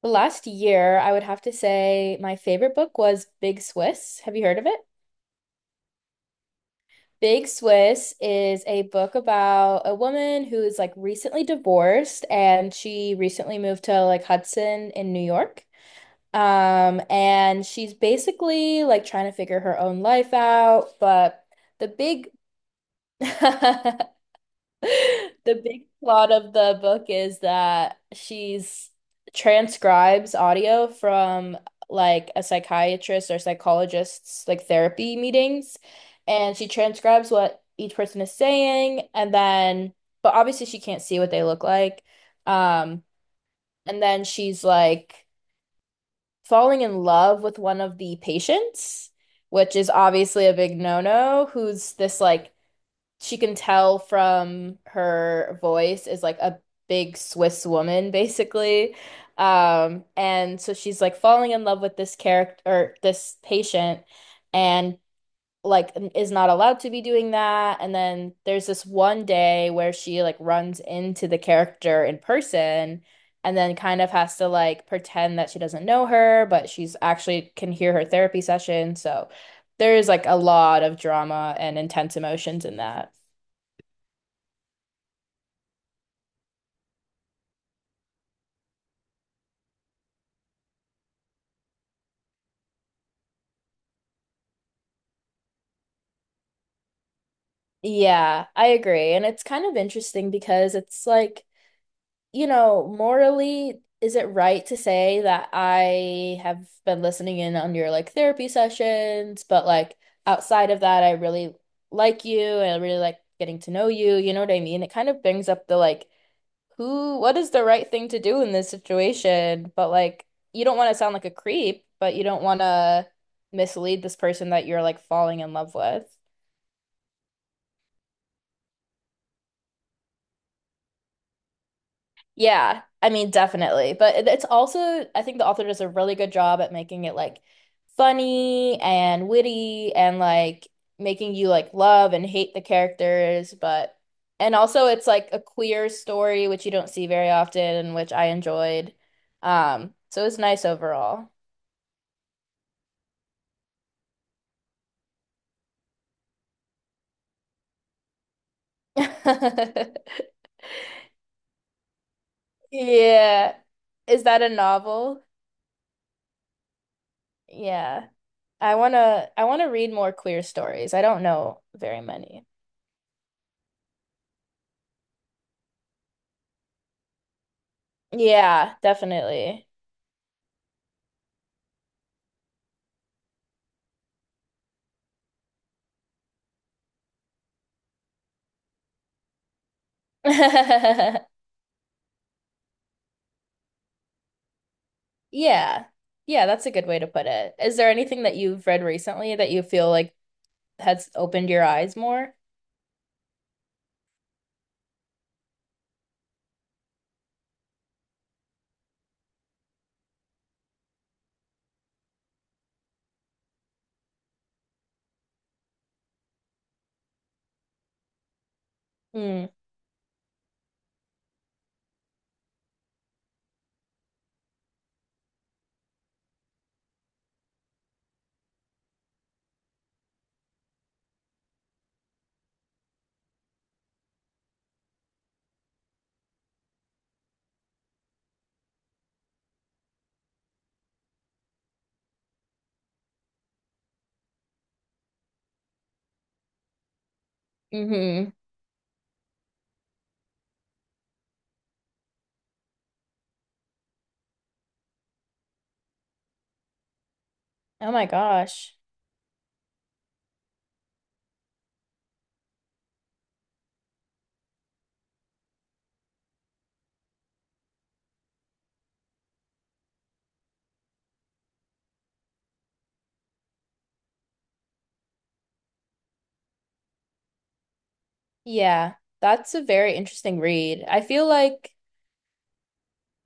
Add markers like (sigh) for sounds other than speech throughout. The last year, I would have to say my favorite book was Big Swiss. Have you heard of it? Big Swiss is a book about a woman who is like recently divorced and she recently moved to like Hudson in New York. And she's basically like trying to figure her own life out, but the big (laughs) (laughs) the big plot of the book is that she's transcribes audio from like a psychiatrist or psychologist's like therapy meetings, and she transcribes what each person is saying, and then but obviously she can't see what they look like. Um, and then she's like falling in love with one of the patients, which is obviously a big no-no, who's this like she can tell from her voice is like a big Swiss woman, basically. And so she's like falling in love with this character or this patient and like is not allowed to be doing that. And then there's this one day where she like runs into the character in person and then kind of has to like pretend that she doesn't know her, but she's actually can hear her therapy session. So there is like a lot of drama and intense emotions in that. Yeah, I agree. And it's kind of interesting because it's like, you know, morally, is it right to say that I have been listening in on your like therapy sessions, but like outside of that, I really like you and I really like getting to know you. You know what I mean? It kind of brings up the like, who, what is the right thing to do in this situation? But like, you don't want to sound like a creep, but you don't want to mislead this person that you're like falling in love with. Yeah, I mean, definitely. But it's also, I think the author does a really good job at making it like funny and witty and like making you like love and hate the characters. But, and also it's like a queer story, which you don't see very often and which I enjoyed. So it's nice overall. (laughs) Yeah. Is that a novel? Yeah. I wanna read more queer stories. I don't know very many. Yeah, definitely. (laughs) Yeah. Yeah, that's a good way to put it. Is there anything that you've read recently that you feel like has opened your eyes more? Hmm. Hmm. Oh my gosh. Yeah, that's a very interesting read. I feel like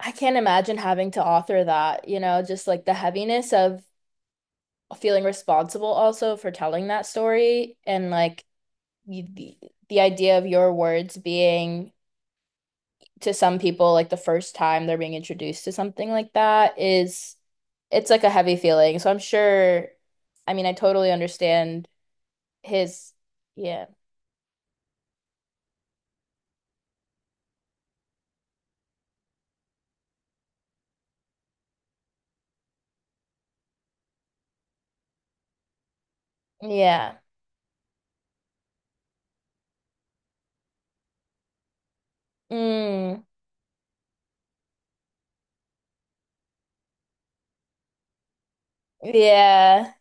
I can't imagine having to author that, you know, just like the heaviness of feeling responsible also for telling that story and like y- the, the idea of your words being to some people, like the first time they're being introduced to something like that is it's like a heavy feeling. So I'm sure, I mean, I totally understand his, yeah, yeah, mm, yeah,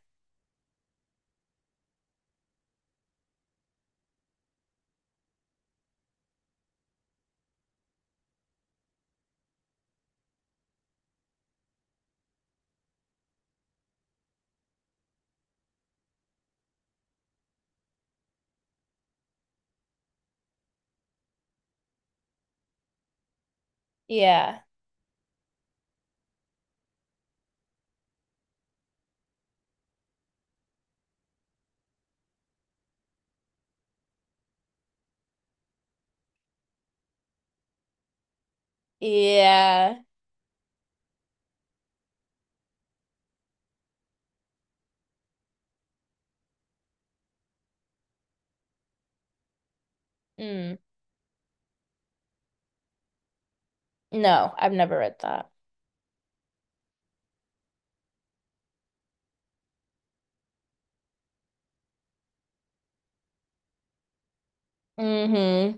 yeah, yeah, mm. No, I've never read that. Mm-hmm.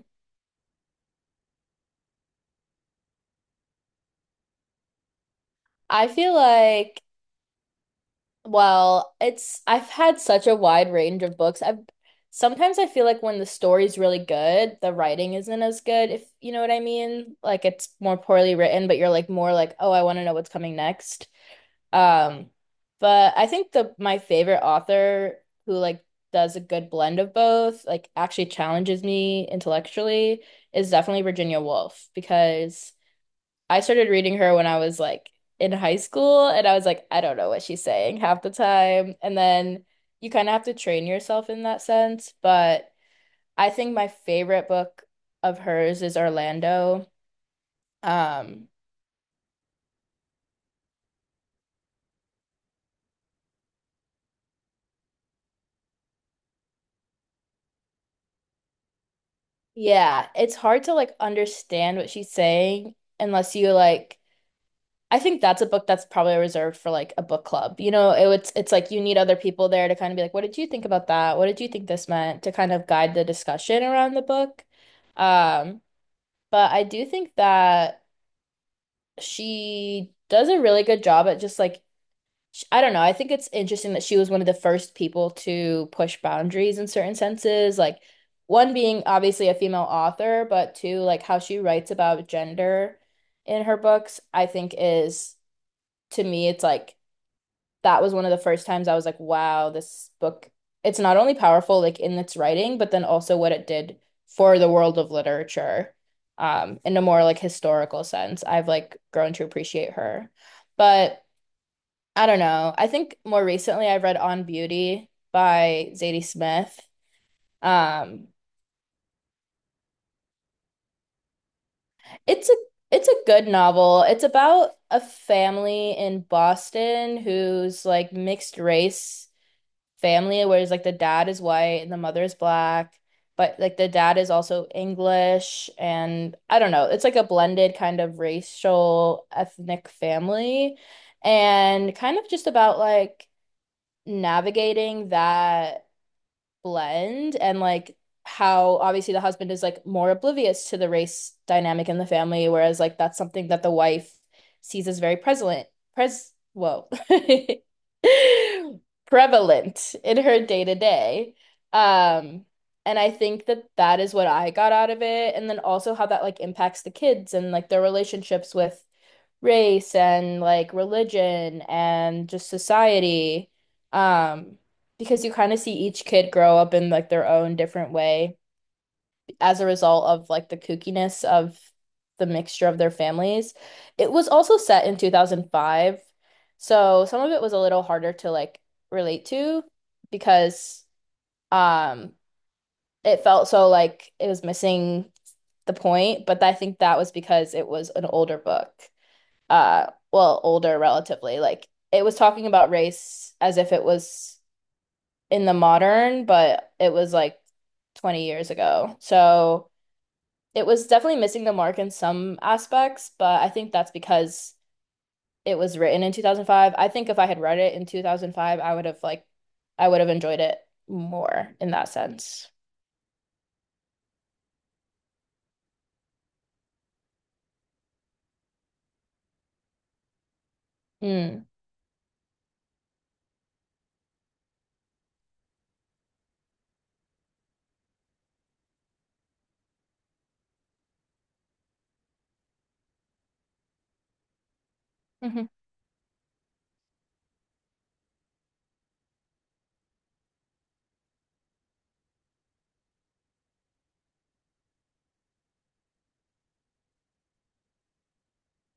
I feel like well, it's I've had such a wide range of books. I've sometimes I feel like when the story's really good, the writing isn't as good, if you know what I mean. Like it's more poorly written, but you're like more like, oh, I want to know what's coming next. Um, but I think the my favorite author who like does a good blend of both, like actually challenges me intellectually, is definitely Virginia Woolf because I started reading her when I was like in high school, and I was like, I don't know what she's saying half the time. And then you kind of have to train yourself in that sense. But I think my favorite book of hers is Orlando. Um, yeah, it's hard to like understand what she's saying unless you like. I think that's a book that's probably reserved for like a book club. You know, it's like you need other people there to kind of be like, what did you think about that? What did you think this meant? To kind of guide the discussion around the book. Um, But I do think that she does a really good job at just like, I don't know. I think it's interesting that she was one of the first people to push boundaries in certain senses. Like, one being obviously a female author, but two, like how she writes about gender in her books, I think is to me, it's like, that was one of the first times I was like, wow, this book, it's not only powerful like in its writing, but then also what it did for the world of literature, in a more like historical sense. I've like grown to appreciate her. But I don't know. I think more recently I've read On Beauty by Zadie Smith. Um, it's a it's a good novel. It's about a family in Boston who's like mixed race family where it's like the dad is white and the mother is black, but like the dad is also English and I don't know. It's like a blended kind of racial ethnic family and kind of just about like navigating that blend and like how obviously the husband is like more oblivious to the race dynamic in the family, whereas like that's something that the wife sees as very prevalent, pres whoa, (laughs) prevalent in her day to day. Um, and I think that that is what I got out of it, and then also how that like impacts the kids and like their relationships with race and like religion and just society. Um, because you kind of see each kid grow up in like their own different way as a result of like the kookiness of the mixture of their families. It was also set in 2005, so some of it was a little harder to like relate to because um it felt so like it was missing the point, but I think that was because it was an older book. Well, older relatively. Like it was talking about race as if it was in the modern, but it was like 20 years ago. So it was definitely missing the mark in some aspects, but I think that's because it was written in 2005. I think if I had read it in 2005, I would have like I would have enjoyed it more in that sense. Mm. Hmm.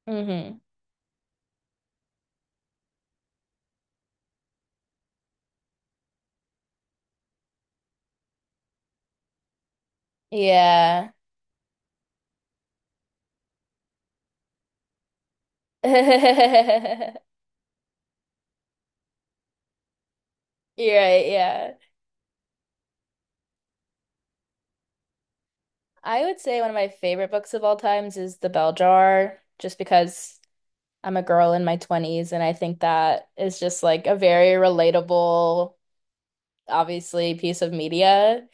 Hmm. Yeah. (laughs) You're right, yeah. I would say one of my favorite books of all times is The Bell Jar, just because I'm a girl in my 20s, and I think that is just like a very relatable, obviously, piece of media.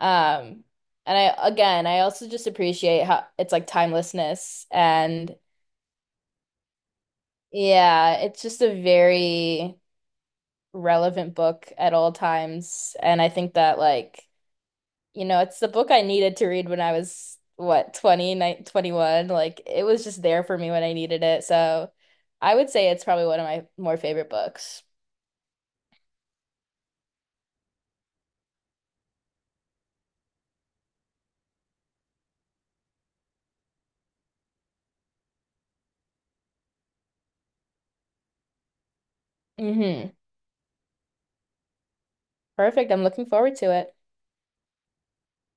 Um, and I, again, I also just appreciate how it's like timelessness. And yeah, it's just a very relevant book at all times. And I think that, like, you know, it's the book I needed to read when I was, what, 20, 21. Like, it was just there for me when I needed it. So I would say it's probably one of my more favorite books. Hmm. Perfect. I'm looking forward to it.